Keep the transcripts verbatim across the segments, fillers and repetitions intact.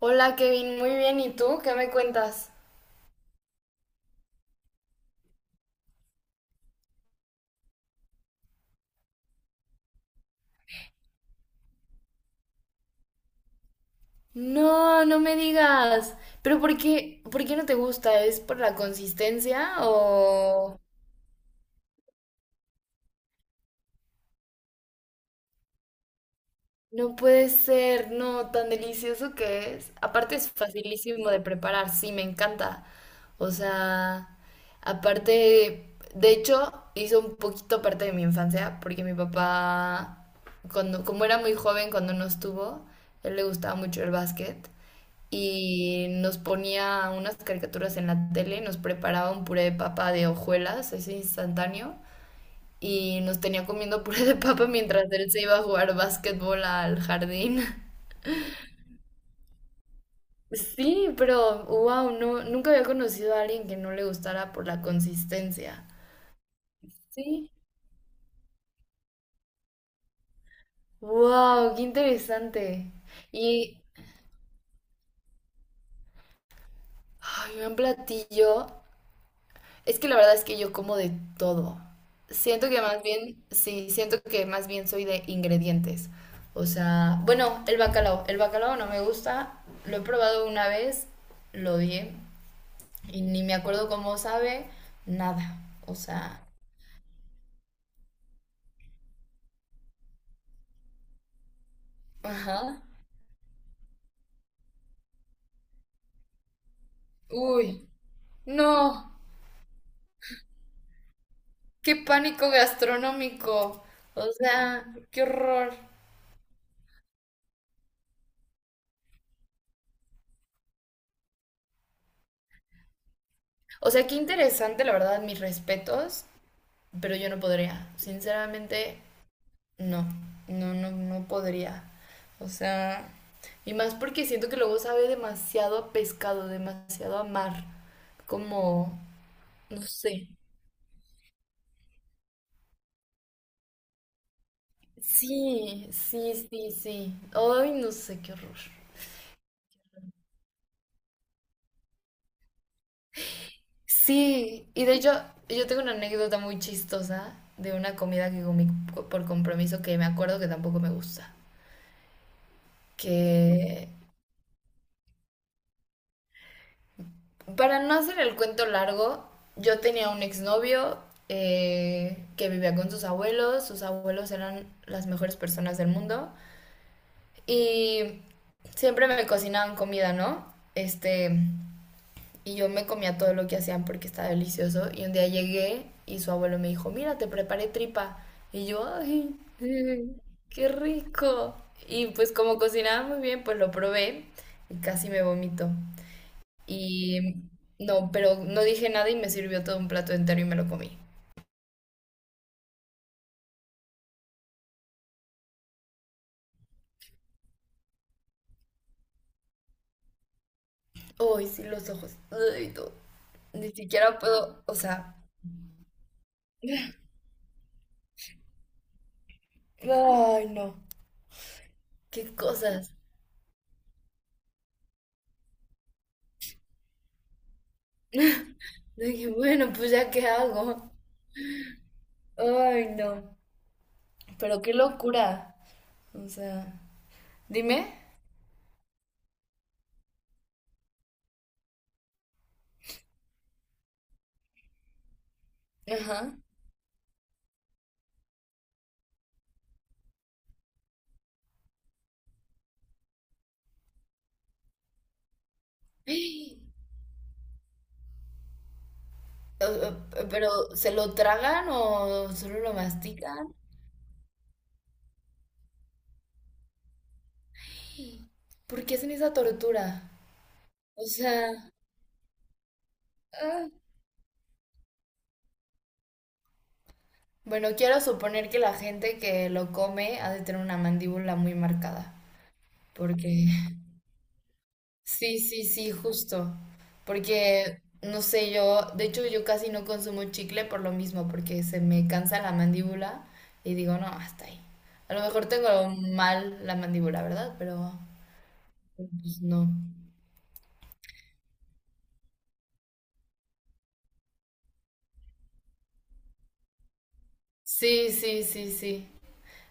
Hola Kevin, muy bien. ¿Y tú? ¿Qué me cuentas? No, no me digas. ¿Pero por qué, por qué no te gusta? ¿Es por la consistencia o...? No puede ser, no, tan delicioso que es. Aparte es facilísimo de preparar, sí, me encanta. O sea, aparte, de hecho, hizo un poquito parte de mi infancia, porque mi papá, cuando, como era muy joven, cuando nos tuvo, él le gustaba mucho el básquet y nos ponía unas caricaturas en la tele y nos preparaba un puré de papa de hojuelas, ese instantáneo, y nos tenía comiendo puré de papa mientras él se iba a jugar básquetbol al jardín. Sí, pero wow, no, nunca había conocido a alguien que no le gustara por la consistencia. Sí. Wow, qué interesante. Y ay, un platillo. Es que la verdad es que yo como de todo. Siento que más bien, sí, siento que más bien soy de ingredientes. O sea, bueno, el bacalao. El bacalao no me gusta. Lo he probado una vez, lo odié. Y ni me acuerdo cómo sabe nada. O sea, ajá. Uy, no, qué pánico gastronómico. O sea, qué horror. O sea, qué interesante, la verdad, mis respetos, pero yo no podría. Sinceramente, no, no, no, no podría. O sea, y más porque siento que luego sabe demasiado a pescado, demasiado a mar. Como, no sé. Sí, sí, sí, sí. Ay, no sé, qué horror. Sí, y de hecho, yo tengo una anécdota muy chistosa de una comida que comí co- por compromiso que me acuerdo que tampoco me gusta. Que, para no hacer el cuento largo, yo tenía un exnovio eh, que vivía con sus abuelos. Sus abuelos eran las mejores personas del mundo. Y siempre me cocinaban comida, ¿no? Este. Y yo me comía todo lo que hacían porque estaba delicioso. Y un día llegué y su abuelo me dijo, mira, te preparé tripa. Y yo, ay, eh, qué rico. Y pues como cocinaba muy bien, pues lo probé y casi me vomito. Y no, pero no dije nada y me sirvió todo un plato entero y me lo comí. Ay, sí, los ojos. Ay, no. Ni siquiera puedo, o sea, ay, no. Qué cosas. Dije, bueno, pues ya qué hago. Ay, no. Pero qué locura. O sea, dime. Ajá. Eh, pero, ¿se lo tragan o solo lo mastican? ¿Por qué hacen esa tortura? O sea, ah, bueno, quiero suponer que la gente que lo come ha de tener una mandíbula muy marcada. Porque, sí, sí, sí, justo. Porque, no sé, yo, de hecho, yo casi no consumo chicle por lo mismo, porque se me cansa la mandíbula y digo, no, hasta ahí. A lo mejor tengo mal la mandíbula, ¿verdad? Pero... pues no. Sí, sí, sí, sí,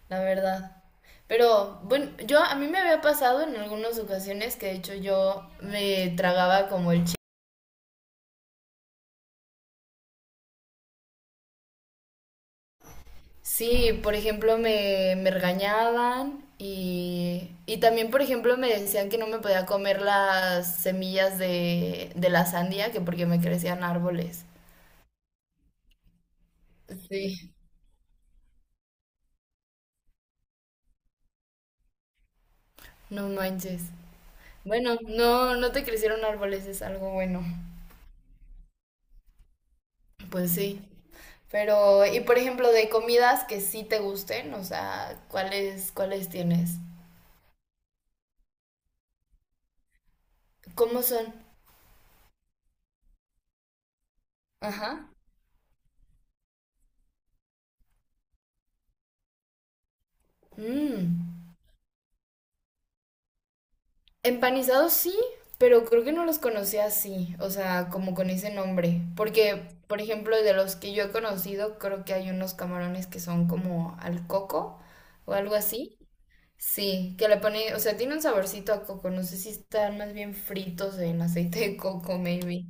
la verdad. Pero bueno, yo a mí me había pasado en algunas ocasiones que de hecho yo me tragaba como el chi. Sí, por ejemplo, me, me regañaban y, y también, por ejemplo, me decían que no me podía comer las semillas de, de la sandía, que porque me crecían árboles. Sí, no manches. Bueno, no, no te crecieron árboles, es algo bueno. Pues sí. Pero, y por ejemplo, de comidas que sí te gusten, o sea, ¿cuáles, cuáles tienes? ¿Cómo son? Ajá. Mm. Empanizados sí, pero creo que no los conocía así, o sea, como con ese nombre. Porque, por ejemplo, de los que yo he conocido, creo que hay unos camarones que son como al coco o algo así. Sí, que le pone, o sea, tiene un saborcito a coco, no sé si están más bien fritos en aceite de coco, maybe.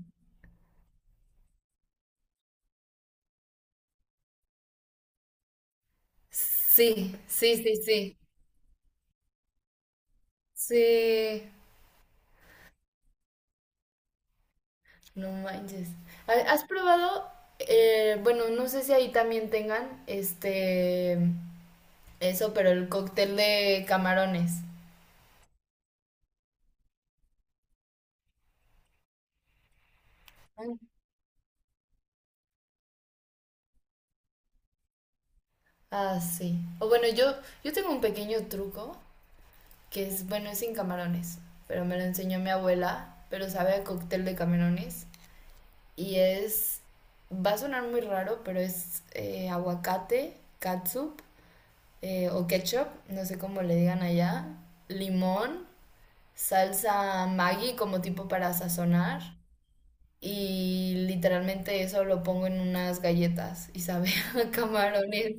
Sí, sí, sí, sí. Sí, no manches. Ha- ¿Has probado eh, bueno, no sé si ahí también tengan este eso, pero el cóctel de camarones? Mm. Ah, sí. O bueno, yo, yo tengo un pequeño truco que es, bueno, es sin camarones, pero me lo enseñó mi abuela, pero sabe a cóctel de camarones. Y es, va a sonar muy raro, pero es eh, aguacate, catsup, eh, o ketchup, no sé cómo le digan allá, limón, salsa Maggi como tipo para sazonar, y literalmente eso lo pongo en unas galletas y sabe a camarones.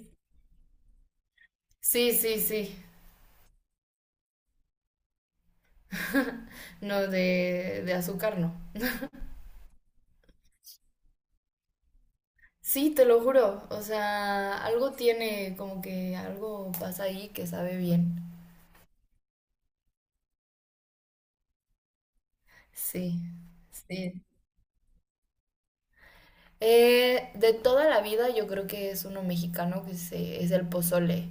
Sí, sí, sí. No, de, de azúcar no. Sí, te lo juro. O sea, algo tiene, como que algo pasa ahí que sabe bien. Sí, sí. Eh, de toda la vida yo creo que es uno mexicano que se, es el pozole.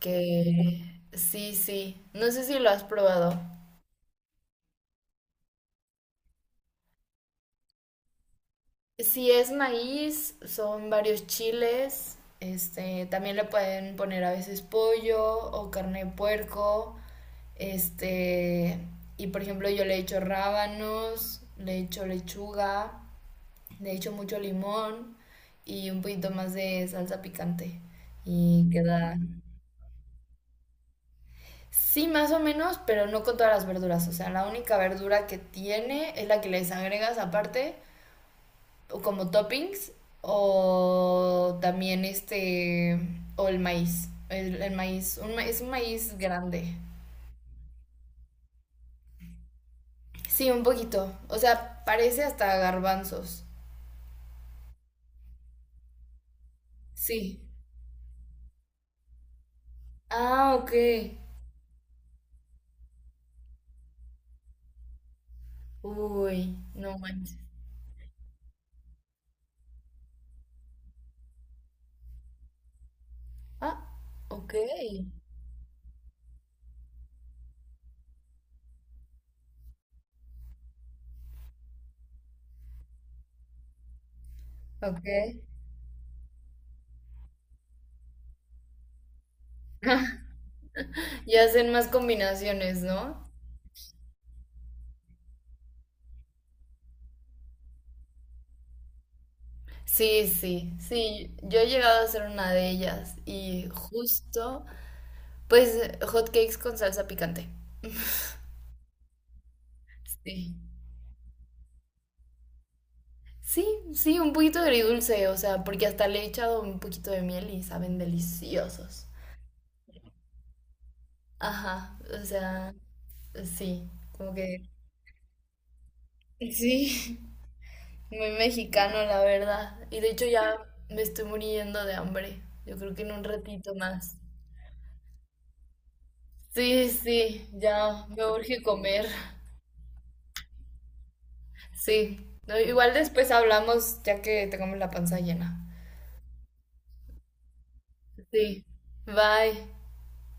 Que sí, sí. No sé si lo has probado. Si es maíz, son varios chiles. Este, también le pueden poner a veces pollo o carne de puerco. Este, y por ejemplo, yo le echo rábanos, le echo lechuga, le echo mucho limón y un poquito más de salsa picante. Y queda, sí, más o menos, pero no con todas las verduras. O sea, la única verdura que tiene es la que les agregas aparte o como toppings o también este, o el maíz, el, el maíz, un ma- es un maíz grande. Sí, un poquito, o sea, parece hasta garbanzos. Sí. Ah, ok. Uy, no manches. Ah, ok. Ok. Y hacen más combinaciones, ¿no? Sí, sí, sí. Yo he llegado a hacer una de ellas y justo, pues, hot cakes con salsa picante. Sí. Sí, sí, un poquito agridulce, o sea, porque hasta le he echado un poquito de miel y saben deliciosos. Ajá, o sea, sí, como que... Sí, muy mexicano, la verdad. Y de hecho ya me estoy muriendo de hambre. Yo creo que en un ratito más. Sí, sí, ya me urge comer. Sí, no, igual después hablamos ya que tengamos la panza llena. Sí, bye.